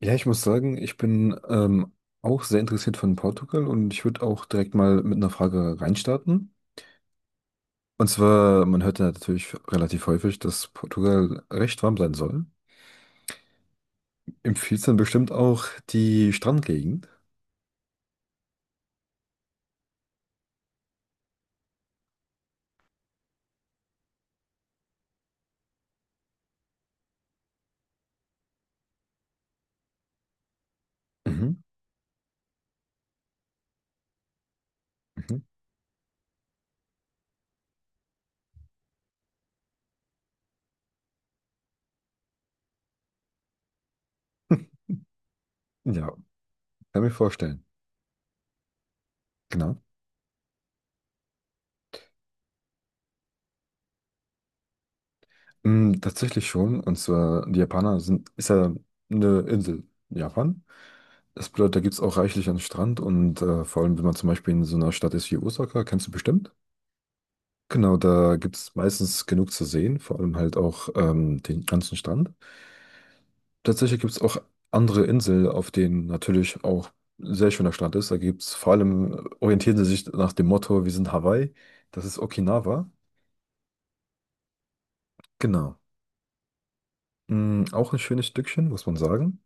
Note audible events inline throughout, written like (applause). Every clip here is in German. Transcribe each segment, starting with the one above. Ja, ich muss sagen, ich bin auch sehr interessiert von Portugal und ich würde auch direkt mal mit einer Frage reinstarten. Und zwar, man hört ja natürlich relativ häufig, dass Portugal recht warm sein soll. Empfiehlt dann bestimmt auch die Strandgegend. Mhm, mhm. (laughs) Ja, kann mir vorstellen. Genau. Tatsächlich schon. Und zwar, die Japaner sind, ist ja eine Insel in Japan. Das bedeutet, da gibt es auch reichlich an Strand und vor allem, wenn man zum Beispiel in so einer Stadt ist wie Osaka, kennst du bestimmt. Genau, da gibt es meistens genug zu sehen, vor allem halt auch den ganzen Strand. Tatsächlich gibt es auch andere Inseln, auf denen natürlich auch sehr schöner Strand ist. Da gibt es vor allem, orientieren sie sich nach dem Motto, wir sind Hawaii, das ist Okinawa. Genau. Auch ein schönes Stückchen, muss man sagen.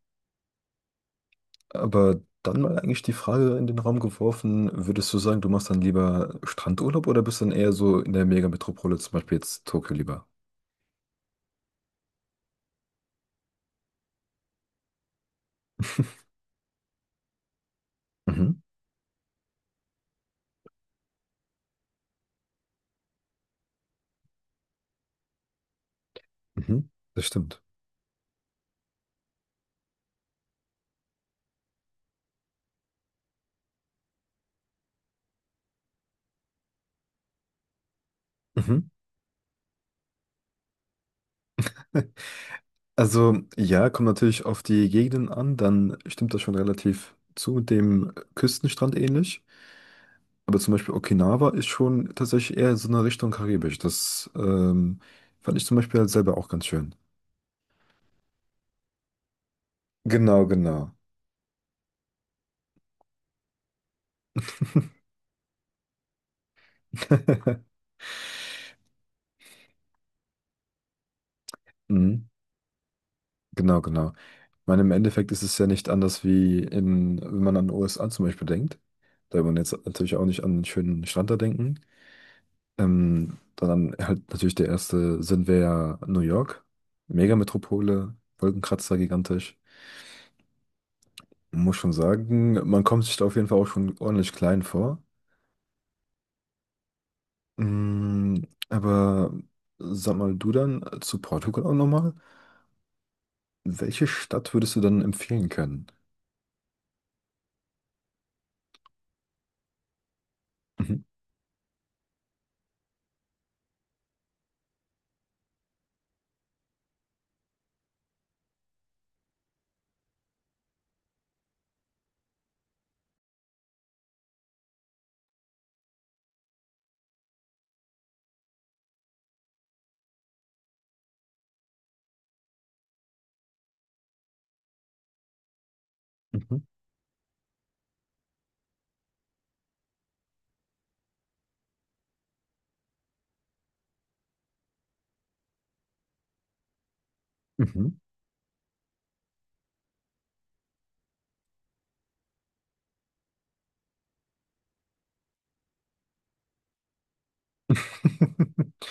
Aber dann mal eigentlich die Frage in den Raum geworfen, würdest du sagen, du machst dann lieber Strandurlaub oder bist dann eher so in der Megametropole, zum Beispiel jetzt Tokio lieber? (laughs) Mhm, mhm, das stimmt. Mhm. (laughs) Also ja, kommt natürlich auf die Gegenden an, dann stimmt das schon relativ zu dem Küstenstrand ähnlich. Aber zum Beispiel Okinawa ist schon tatsächlich eher in so einer Richtung Karibisch. Das fand ich zum Beispiel halt selber auch ganz schön. Genau, genau. (laughs) Mhm. Genau, genau. Ich meine, im Endeffekt ist es ja nicht anders wie in, wenn man an den USA zum Beispiel denkt. Da will man jetzt natürlich auch nicht an einen schönen Strand da denken. Dann halt natürlich der erste Sinn wäre ja New York. Megametropole, Wolkenkratzer gigantisch. Muss schon sagen, man kommt sich da auf jeden Fall auch schon ordentlich klein vor. Mm, aber sag mal du dann zu Portugal auch nochmal. Welche Stadt würdest du dann empfehlen können? Mhm, mhm, mhm. (laughs)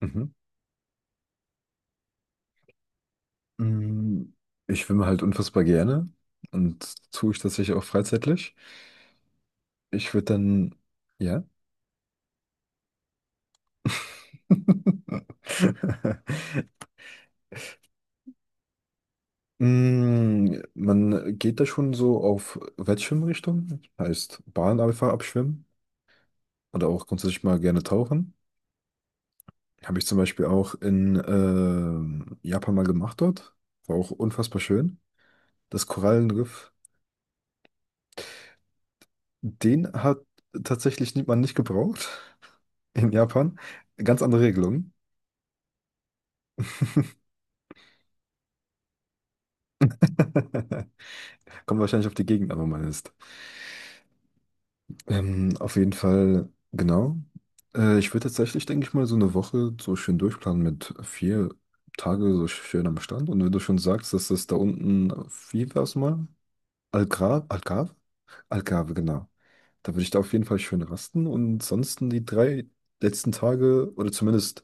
Mhm. Mm, ich schwimme halt unfassbar gerne und tue ich tatsächlich auch freizeitlich. Ich würde dann, ja? (laughs) Man geht da schon so auf Wettschwimmrichtung, heißt Bahn einfach abschwimmen oder auch grundsätzlich mal gerne tauchen. Habe ich zum Beispiel auch in Japan mal gemacht dort. War auch unfassbar schön. Das Korallenriff, den hat tatsächlich nie- man nicht gebraucht (laughs) in Japan. Ganz andere Regelungen. (laughs) Kommt wahrscheinlich auf die Gegend an, wo man ist. Auf jeden Fall, genau. Ich würde tatsächlich, denke ich mal, so eine Woche so schön durchplanen mit 4 Tage so schön am Strand. Und wenn du schon sagst, dass das da unten, wie war es mal? Algarve? Algarve? Algarve, genau. Da würde ich da auf jeden Fall schön rasten und sonst die 3 letzten Tage oder zumindest,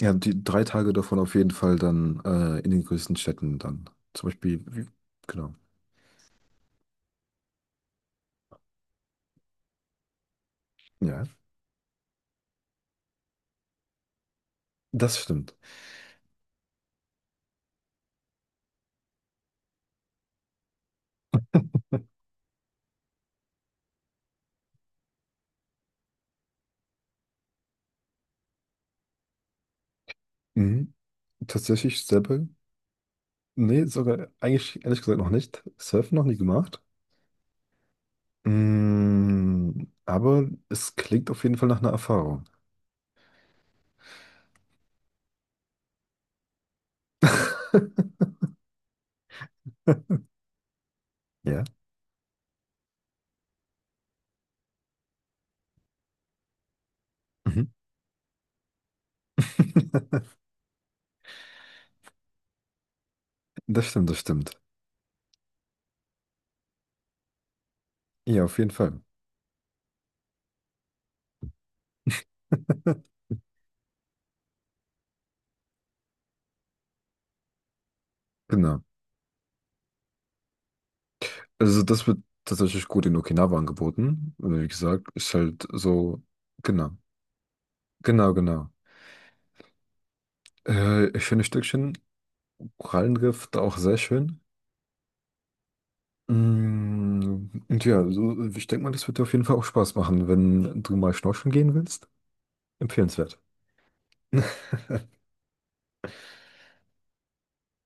ja, die 3 Tage davon auf jeden Fall dann in den größten Städten dann. Zum Beispiel, wie- genau. Ja, das stimmt. Mhm. Tatsächlich selber. Nee, sogar eigentlich ehrlich gesagt noch nicht. Surfen noch nie gemacht. Aber es klingt auf jeden Fall nach einer Erfahrung. (laughs) Ja. Mhm. (laughs) Das stimmt, das stimmt. Ja, auf jeden Fall. (laughs) Genau. Also das wird tatsächlich gut in Okinawa angeboten. Also, wie gesagt, ist halt so, genau, genau, genau. Schöne Stückchen. Korallenriff da auch sehr schön. Und ja, so, ich denke mal, das wird dir auf jeden Fall auch Spaß machen, wenn du mal schnorcheln gehen willst. Empfehlenswert. (laughs)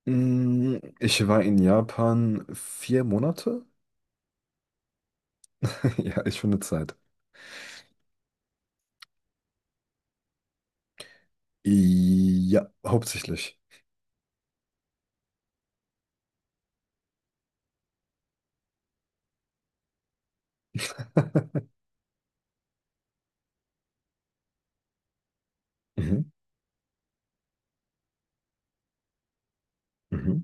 Ich war in Japan 4 Monate. (laughs) Ja, ist schon eine Zeit. Ja, hauptsächlich. Mhm. Mhm.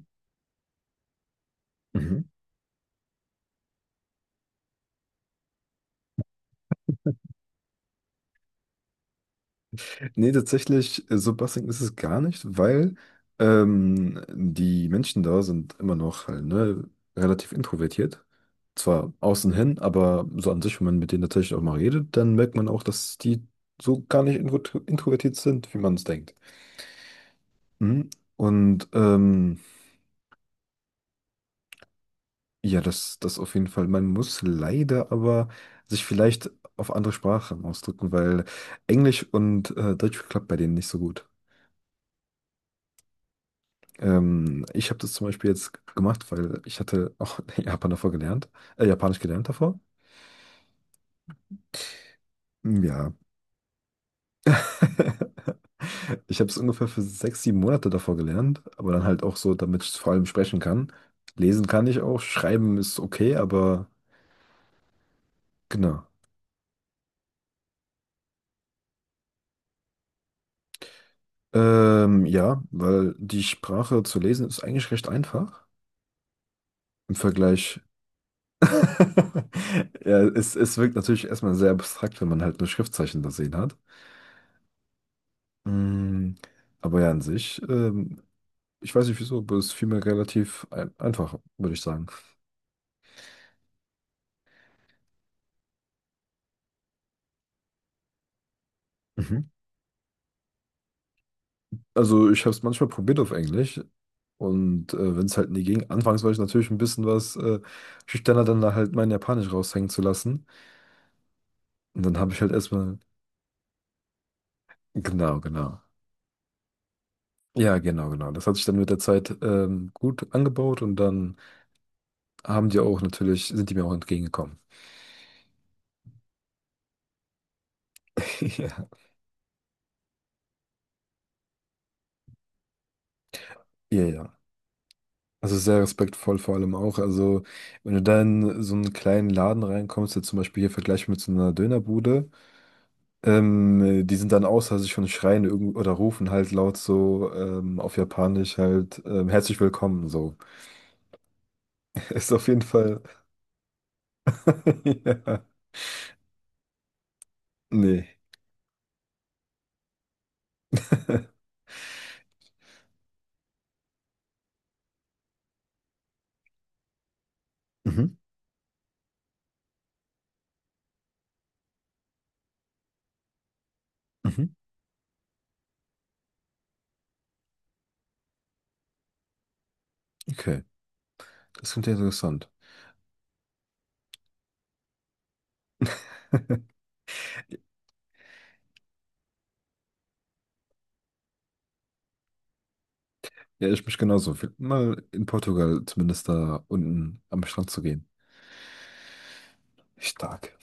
Mhm. Nee, tatsächlich, so bassig ist es gar nicht, weil die Menschen da sind immer noch halt, ne, relativ introvertiert. Zwar außen hin, aber so an sich, wenn man mit denen tatsächlich auch mal redet, dann merkt man auch, dass die so gar nicht introvertiert sind, wie man es denkt. Mhm. Und ja, das auf jeden Fall. Man muss leider aber sich vielleicht auf andere Sprachen ausdrücken, weil Englisch und Deutsch klappt bei denen nicht so gut. Ich habe das zum Beispiel jetzt gemacht, weil ich hatte auch (laughs) Japanisch gelernt davor. Ja. (laughs) Ich habe es ungefähr für 6, 7 Monate davor gelernt, aber dann halt auch so, damit ich vor allem sprechen kann. Lesen kann ich auch, schreiben ist okay, aber genau. Ja, weil die Sprache zu lesen ist eigentlich recht einfach im Vergleich. (laughs) Ja, es wirkt natürlich erstmal sehr abstrakt, wenn man halt nur Schriftzeichen da sehen hat. Mm, Aber ja, an sich, ich weiß nicht wieso, aber es fiel mir relativ einfach, würde ich sagen. Mhm. Also ich habe es manchmal probiert auf Englisch und wenn es halt nie ging, anfangs war ich natürlich ein bisschen was schüchterner, dann da halt mein Japanisch raushängen zu lassen. Und dann habe ich halt erstmal, genau, genau. Ja, genau, genau. Das hat sich dann mit der Zeit gut angebaut und dann haben die auch natürlich, sind die mir auch entgegengekommen. (laughs) Ja, ja, ja. Also sehr respektvoll vor allem auch. Also wenn du da in so einen kleinen Laden reinkommst, jetzt zum Beispiel hier vergleichbar mit so einer Dönerbude, die sind dann außer sich und schreien irgend oder rufen halt laut so auf Japanisch halt herzlich willkommen so. (laughs) Ist auf jeden Fall. (laughs) Ja. Nee. Mhm. Mhm. Okay. Das klingt ja interessant. (laughs) Ja, ich mich genauso. Mal in Portugal zumindest da unten am Strand zu gehen. Stark.